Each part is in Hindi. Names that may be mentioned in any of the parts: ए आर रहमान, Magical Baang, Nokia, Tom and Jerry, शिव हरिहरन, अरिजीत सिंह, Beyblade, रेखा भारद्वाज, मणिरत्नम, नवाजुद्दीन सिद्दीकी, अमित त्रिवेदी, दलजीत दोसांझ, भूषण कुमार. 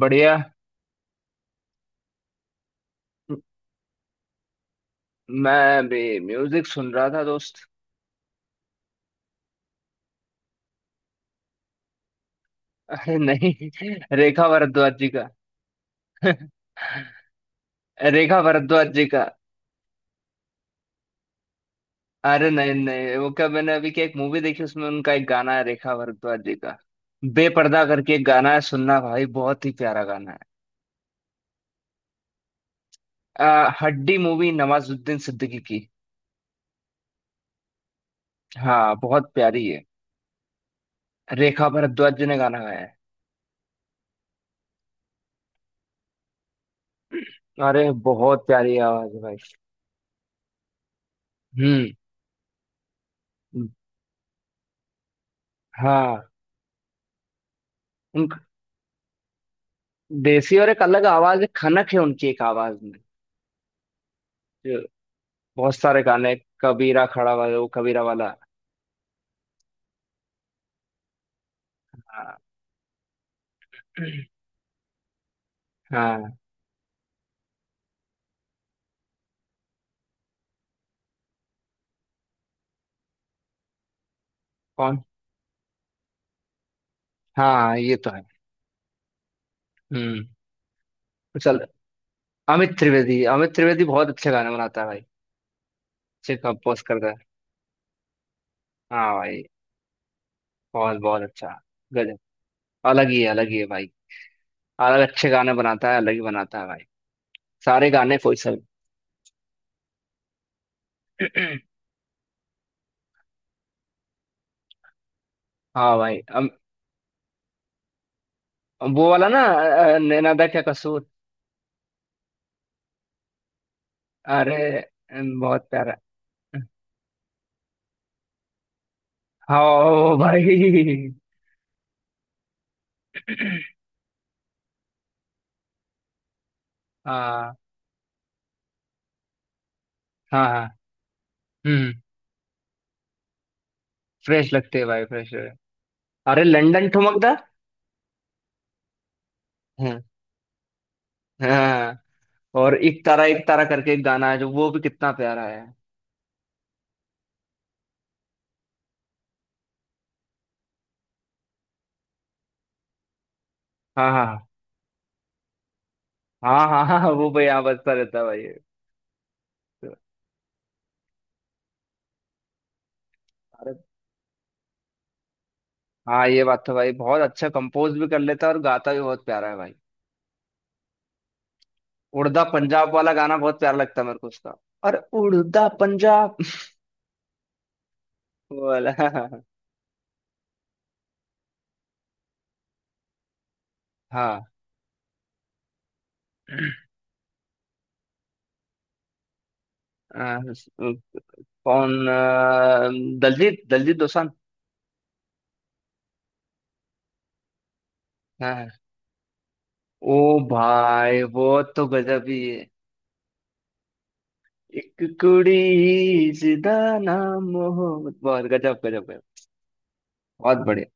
बढ़िया। मैं भी म्यूजिक सुन रहा था दोस्त। अरे नहीं। रेखा भारद्वाज जी का। रेखा भारद्वाज जी का। अरे नहीं नहीं, वो क्या मैंने अभी क्या एक मूवी देखी उसमें उनका एक गाना है रेखा भारद्वाज जी का। बेपर्दा करके एक गाना है, सुनना भाई, बहुत ही प्यारा गाना है। हड्डी मूवी नवाजुद्दीन सिद्दीकी की। हाँ बहुत प्यारी है। रेखा भारद्वाज जी ने गाना गाया है। अरे बहुत प्यारी आवाज है भाई। हम्म। हाँ। देसी और एक अलग आवाज है, खनक है उनकी एक आवाज में, जो बहुत सारे गाने। कबीरा खड़ा वाला, वो कबीरा वाला। हाँ हाँ। कौन? हाँ ये तो है। हम्म। चल। अमित त्रिवेदी। अमित त्रिवेदी बहुत अच्छे गाने बनाता है भाई। अच्छे कंपोज करता है। हाँ भाई। बहुत बहुत अच्छा। गजब। अलग ही है। अलग ही है भाई। अलग अच्छे गाने बनाता है, अलग ही बनाता है भाई। सारे गाने कोई सब। हाँ भाई। वो वाला ना, नैना दा क्या कसूर। अरे बहुत प्यारा। हाँ भाई। हाँ हाँ। हाँ। हम्म। फ्रेश लगते हैं भाई, फ्रेश। अरे लंदन ठुमकदा। हाँ। हाँ। और एक तारा करके एक गाना है, जो वो भी कितना प्यारा है। हाँ हाँ हाँ हाँ, हाँ हाँ, वो भाई यहाँ बजता रहता है भाई। तो, अरे। हाँ ये बात तो भाई, बहुत अच्छा कंपोज भी कर लेता है और गाता भी बहुत प्यारा है भाई। उड़दा पंजाब वाला गाना बहुत प्यारा लगता है मेरे को उसका। और उड़दा पंजाब वाला। हाँ। अ, कौन? दलजीत दलजीत दोसांझ। हाँ। ओ। भाई वो, तो गजब ही है। एक कुड़ी, जिदा, नाम मोहब्बत, बहुत गजब, गजब, गजब। बहुत बढ़िया।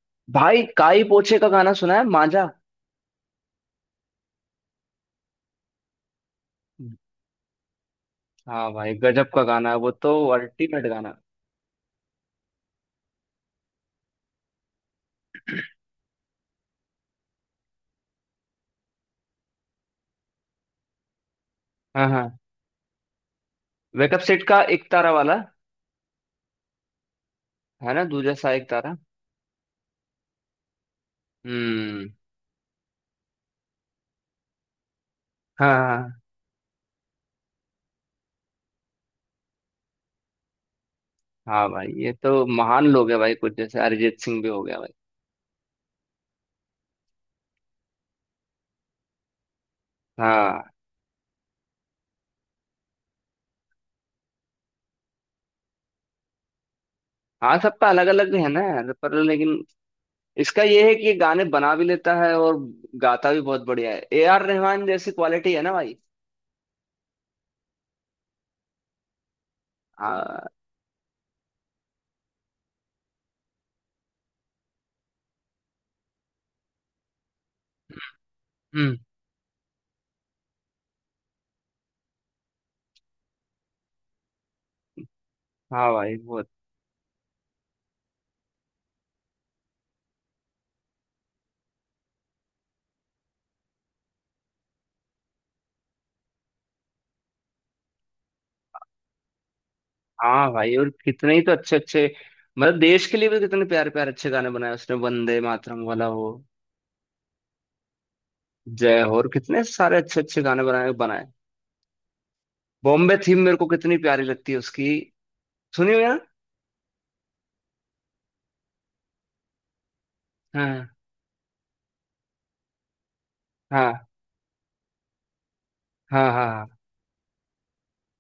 भाई काई पोछे का गाना सुना है, मांझा। हाँ भाई, गजब का गाना है वो तो। अल्टीमेट गाना। हाँ हाँ। वेकअप सेट का एक तारा वाला। है ना? दूजा सा एक तारा। हम्म। हाँ हाँ। हाँ भाई, ये तो महान लोग है भाई, कुछ जैसे अरिजीत सिंह भी हो गया भाई। हाँ। हाँ सबका अलग अलग है ना। पर लेकिन इसका ये है कि ये गाने बना भी लेता है और गाता भी बहुत बढ़िया है, ए आर रहमान जैसी क्वालिटी है ना भाई। हाँ। हम्म। हाँ भाई बहुत। हाँ भाई, और कितने ही तो अच्छे अच्छे। मतलब देश के लिए भी कितने प्यारे प्यारे अच्छे गाने बनाए उसने, वंदे मातरम वाला हो, जय हो, और कितने सारे अच्छे अच्छे गाने बनाए बनाए। बॉम्बे थीम मेरे को कितनी प्यारी लगती है उसकी। सुनी हुई है ना? हाँ हाँ हाँ हाँ।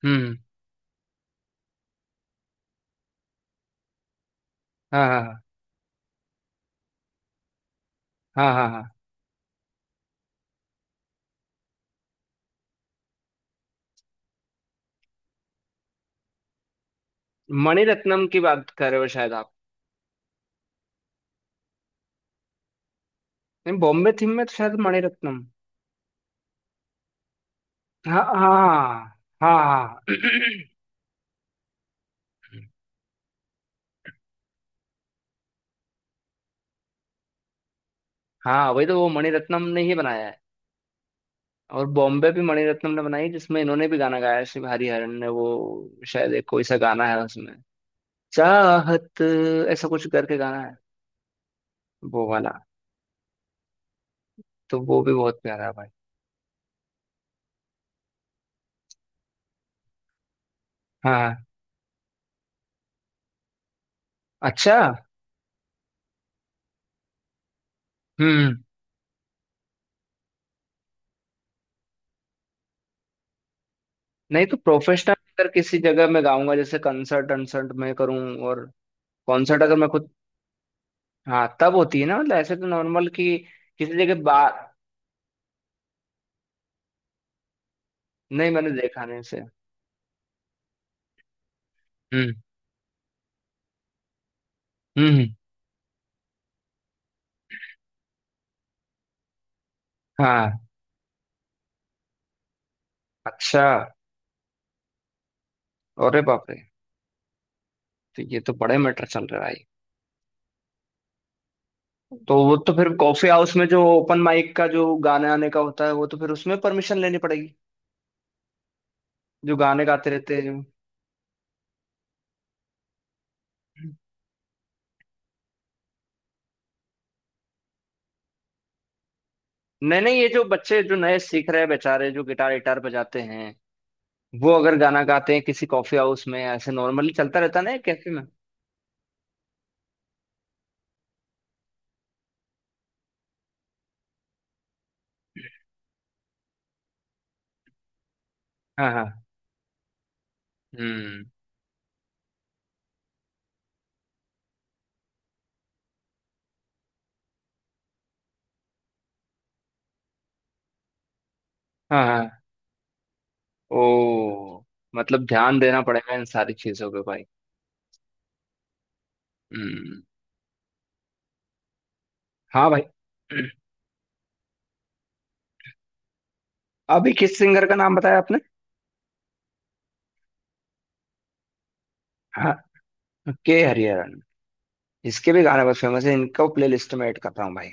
हम्म। हाँ। हम्म। हाँ हाँ हाँ हाँ हाँ हाँ। मणिरत्नम की बात कर रहे हो शायद आप। नहीं, बॉम्बे थीम में तो शायद मणिरत्नम। हाँ हाँ हाँ हाँ। हाँ वही तो, वो मणिरत्नम ने ही बनाया है। और बॉम्बे भी मणिरत्नम ने बनाई, जिसमें इन्होंने भी गाना गाया है, शिव हरिहरन ने वो। शायद एक कोई सा गाना है उसमें, चाहत, ऐसा कुछ करके गाना है। वो वाला। तो वो भी बहुत प्यारा है भाई। हाँ। अच्छा। हम्म। नहीं तो प्रोफेशनल अगर किसी जगह में गाऊंगा, जैसे कंसर्ट अनसर्ट में करूँ। और कॉन्सर्ट अगर मैं खुद, हाँ तब होती है ना, मतलब ऐसे तो नॉर्मल कि किसी जगह बार। नहीं मैंने देखा नहीं इसे। हम्म। हम्म। हाँ। अच्छा। अरे बाप रे। तो ये तो बड़े मैटर चल रहा है भाई। तो वो तो फिर कॉफी हाउस में जो ओपन माइक का जो गाने आने का होता है, वो तो फिर उसमें परमिशन लेनी पड़ेगी। जो गाने गाते रहते हैं। नहीं नहीं, ये जो बच्चे जो नए सीख रहे हैं बेचारे जो गिटार गिटार बजाते हैं, वो अगर गाना गाते हैं किसी कॉफी हाउस में, ऐसे नॉर्मली चलता रहता ना, कैफे में। हाँ हाँ। हम्म। हाँ हाँ। ओ। मतलब ध्यान देना पड़ेगा इन सारी चीजों पे भाई। हम्म। हाँ भाई। अभी किस सिंगर का नाम बताया आपने? के हरिहरन। इसके भी गाने बहुत फेमस है, इनको प्ले लिस्ट में ऐड कर रहा हूँ भाई।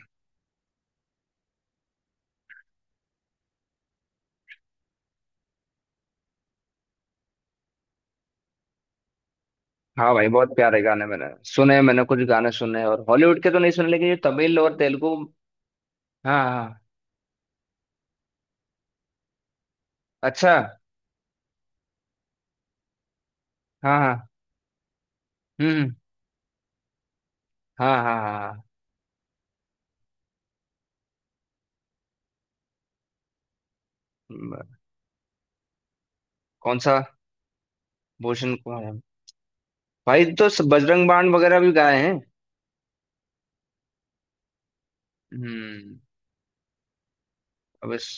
हाँ भाई बहुत प्यारे गाने मैंने सुने, मैंने कुछ गाने सुने और हॉलीवुड के तो नहीं सुने, लेकिन ये तमिल और तेलुगु। हाँ हाँ। अच्छा। हाँ हाँ। हम्म। हाँ हाँ हाँ हाँ। हम्म, कौन सा? भूषण कुमार है? भाई तो बजरंग बाण वगैरह भी गाए हैं। हम्म। अब इस,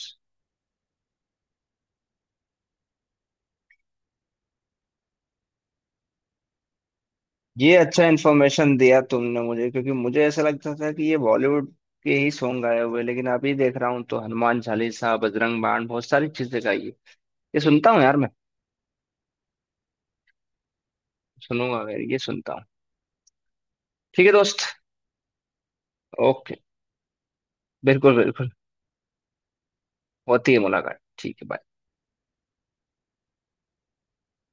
ये अच्छा इन्फॉर्मेशन दिया तुमने मुझे, क्योंकि मुझे ऐसा लगता था कि ये बॉलीवुड के ही सॉन्ग गाए हुए, लेकिन अभी देख रहा हूँ तो हनुमान चालीसा, बजरंग बाण, बहुत सारी चीजें गाई है। ये सुनता हूँ यार मैं। सुनूंगा मैं ये सुनता हूँ। ठीक है दोस्त। ओके। बिल्कुल बिल्कुल। होती है मुलाकात, ठीक है, bye।